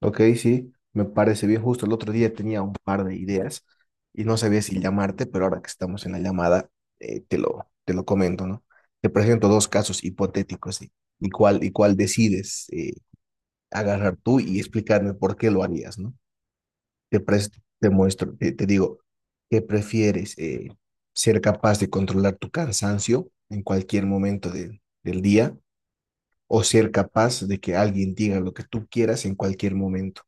Ok, sí, me parece bien. Justo el otro día tenía un par de ideas y no sabía si llamarte, pero ahora que estamos en la llamada, te lo comento, ¿no? Te presento dos casos hipotéticos y cuál decides agarrar tú y explicarme por qué lo harías, ¿no? Te, pres- te muestro, te digo, ¿qué prefieres? ¿Ser capaz de controlar tu cansancio en cualquier momento del día o ser capaz de que alguien diga lo que tú quieras en cualquier momento?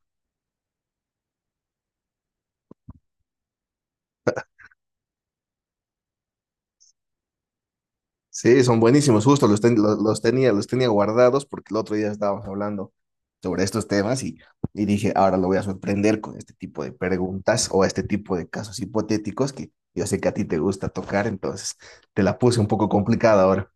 Sí, son buenísimos, justo los tenía, los tenía guardados porque el otro día estábamos hablando sobre estos temas y dije, ahora lo voy a sorprender con este tipo de preguntas o este tipo de casos hipotéticos que yo sé que a ti te gusta tocar, entonces te la puse un poco complicada ahora.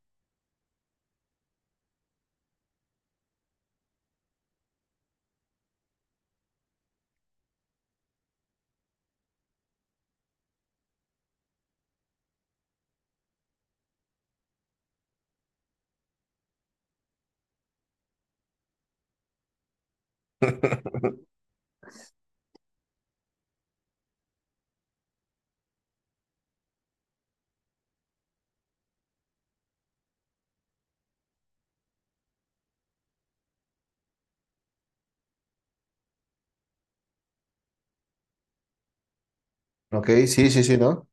Ok, sí, sí, sí, ¿no?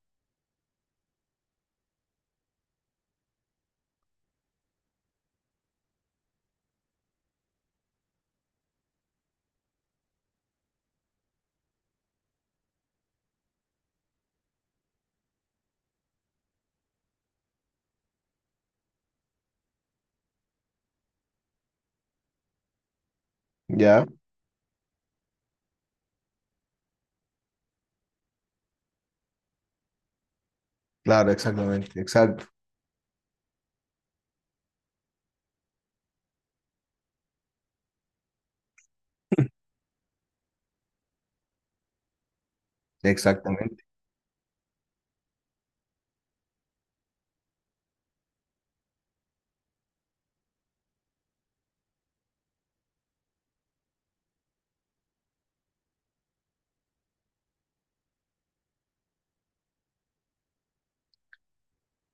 Ya, claro, exactamente, exacto, exactamente.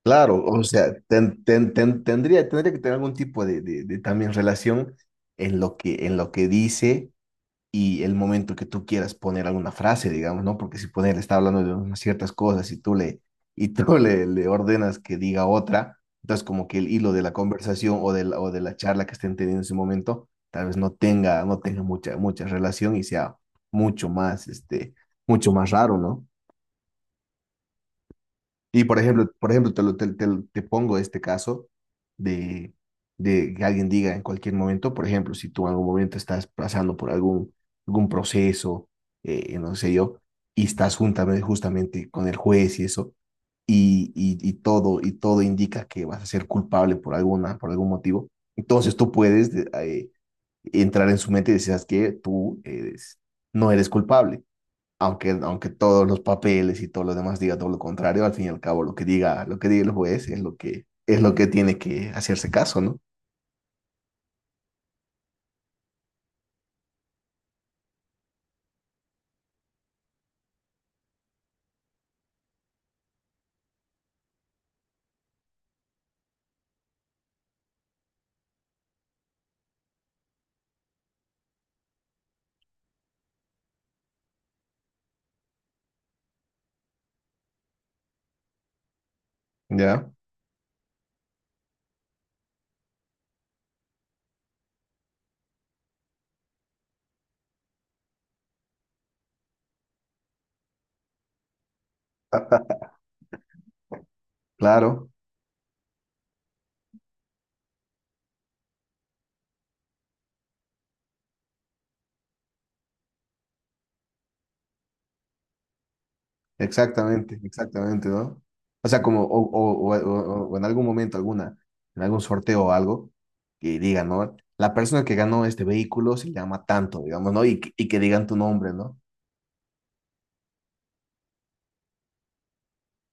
Claro, o sea, tendría que tener algún tipo de también relación en lo que dice y el momento que tú quieras poner alguna frase, digamos, ¿no? Porque si poner está hablando de unas ciertas cosas y tú le, y tú le, le ordenas que diga otra, entonces como que el hilo de la conversación o de la charla que estén teniendo en ese momento, tal vez no tenga, no tenga mucha, mucha relación y sea mucho más, mucho más raro, ¿no? Y por ejemplo, te, lo- te pongo este caso de, de que alguien diga en cualquier momento, por ejemplo, si tú en algún momento estás pasando por algún, algún proceso, no sé yo, y estás juntamente, justamente con el juez y eso, y todo indica que vas a ser culpable por alguna, por algún motivo, entonces tú puedes entrar en su mente y decir, que no eres culpable aunque, aunque todos los papeles y todo lo demás diga todo lo contrario, al fin y al cabo lo que diga el juez es lo que tiene que hacerse caso, ¿no? Ya, claro, exactamente, exactamente, ¿no? O sea, como o en algún momento alguna, en algún sorteo o algo, que diga, ¿no? La persona que ganó este vehículo se llama tanto, digamos, ¿no? Y, y que digan tu nombre, ¿no?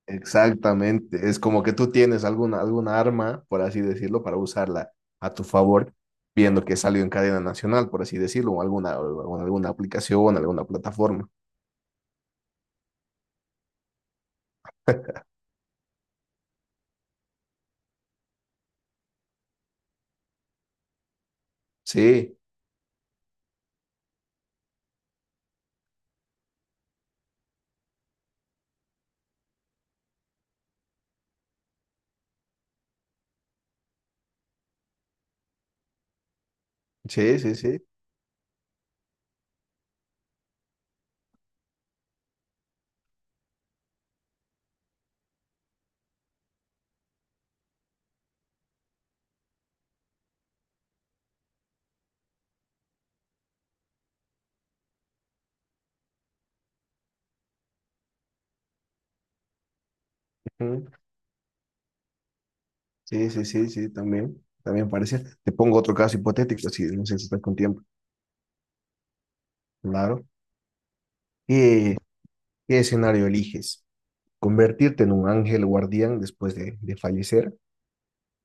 Exactamente, es como que tú tienes alguna, alguna arma, por así decirlo, para usarla a tu favor, viendo que salió en cadena nacional, por así decirlo, o alguna aplicación, alguna plataforma. Sí, sí, sí, sí. Ujú. Sí, sí, sí, sí, también, también parece. Te pongo otro caso hipotético, si no sé si estás con tiempo. Claro. ¿Qué, qué escenario eliges? ¿Convertirte en un ángel guardián después de fallecer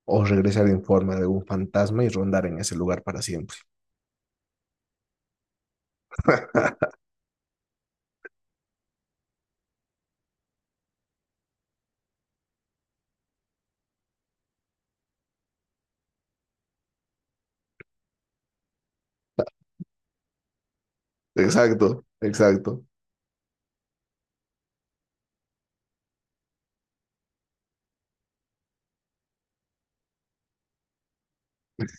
o regresar en forma de un fantasma y rondar en ese lugar para siempre? Exacto, exacto.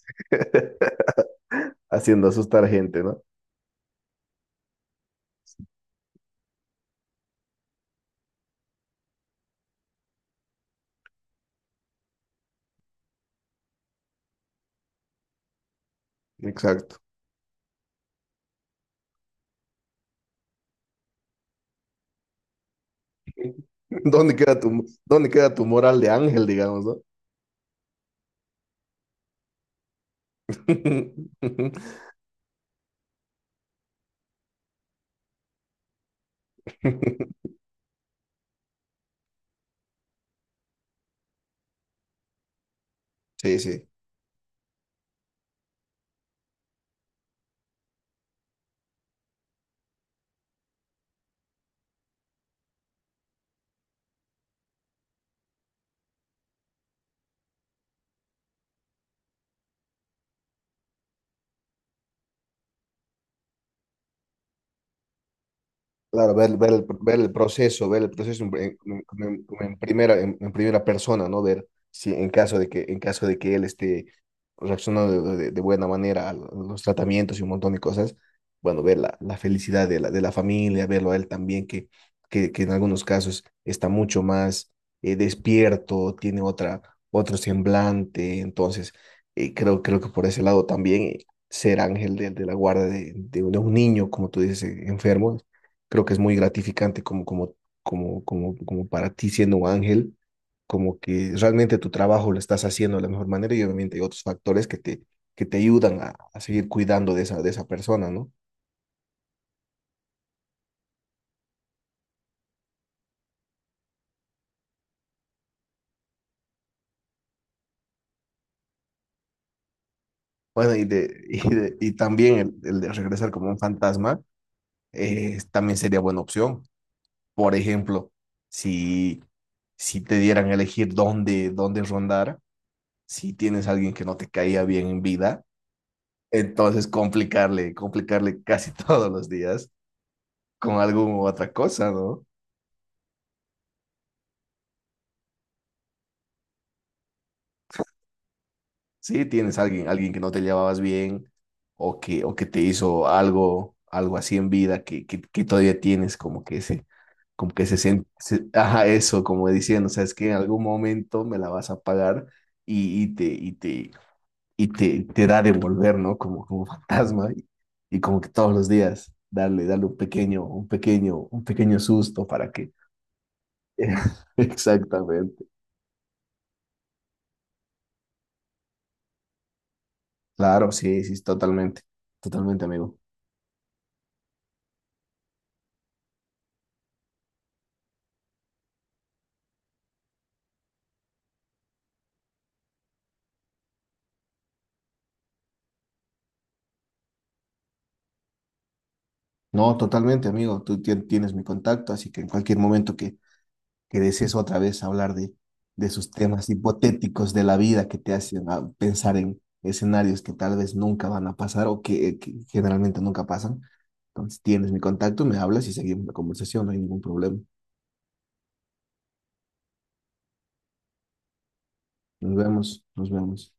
Haciendo asustar gente, ¿no? Exacto. ¿Dónde queda tu, dónde queda tu moral de ángel, digamos, ¿no? Sí, sí. Claro, ver, ver el proceso en, en primera persona, ¿no? Ver si en caso de que, en caso de que él esté reaccionando de buena manera a los tratamientos y un montón de cosas, bueno, ver la, la felicidad de la familia, verlo a él también, que en algunos casos está mucho más despierto, tiene otra, otro semblante, entonces creo, creo que por ese lado también ser ángel de la guarda de un niño, como tú dices, enfermo creo que es muy gratificante como, como, como, como, como para ti siendo un ángel, como que realmente tu trabajo lo estás haciendo de la mejor manera y obviamente hay otros factores que te ayudan a seguir cuidando de esa persona, ¿no? Bueno, y, de, y, y también el de regresar como un fantasma también sería buena opción. Por ejemplo, si, si te dieran a elegir dónde, dónde rondar, si tienes a alguien que no te caía bien en vida, entonces, complicarle, complicarle casi todos los días con alguna u otra cosa, ¿no? Si tienes alguien, alguien que no te llevabas bien o que te hizo algo, algo así en vida que todavía tienes como que ese, como que se siente, ajá, eso, como diciendo, sabes que en algún momento me la vas a pagar y, y te, y te, y te, te da de volver, ¿no? Como, como fantasma y como que todos los días darle, darle un pequeño, un pequeño, un pequeño susto para que exactamente. Claro, sí, sí, totalmente. Totalmente, amigo. No, totalmente, amigo. Tienes mi contacto, así que en cualquier momento que desees otra vez hablar de esos temas hipotéticos de la vida que te hacen pensar en escenarios que tal vez nunca van a pasar o que generalmente nunca pasan. Entonces tienes mi contacto, me hablas y seguimos la conversación, no hay ningún problema. Nos vemos, nos vemos.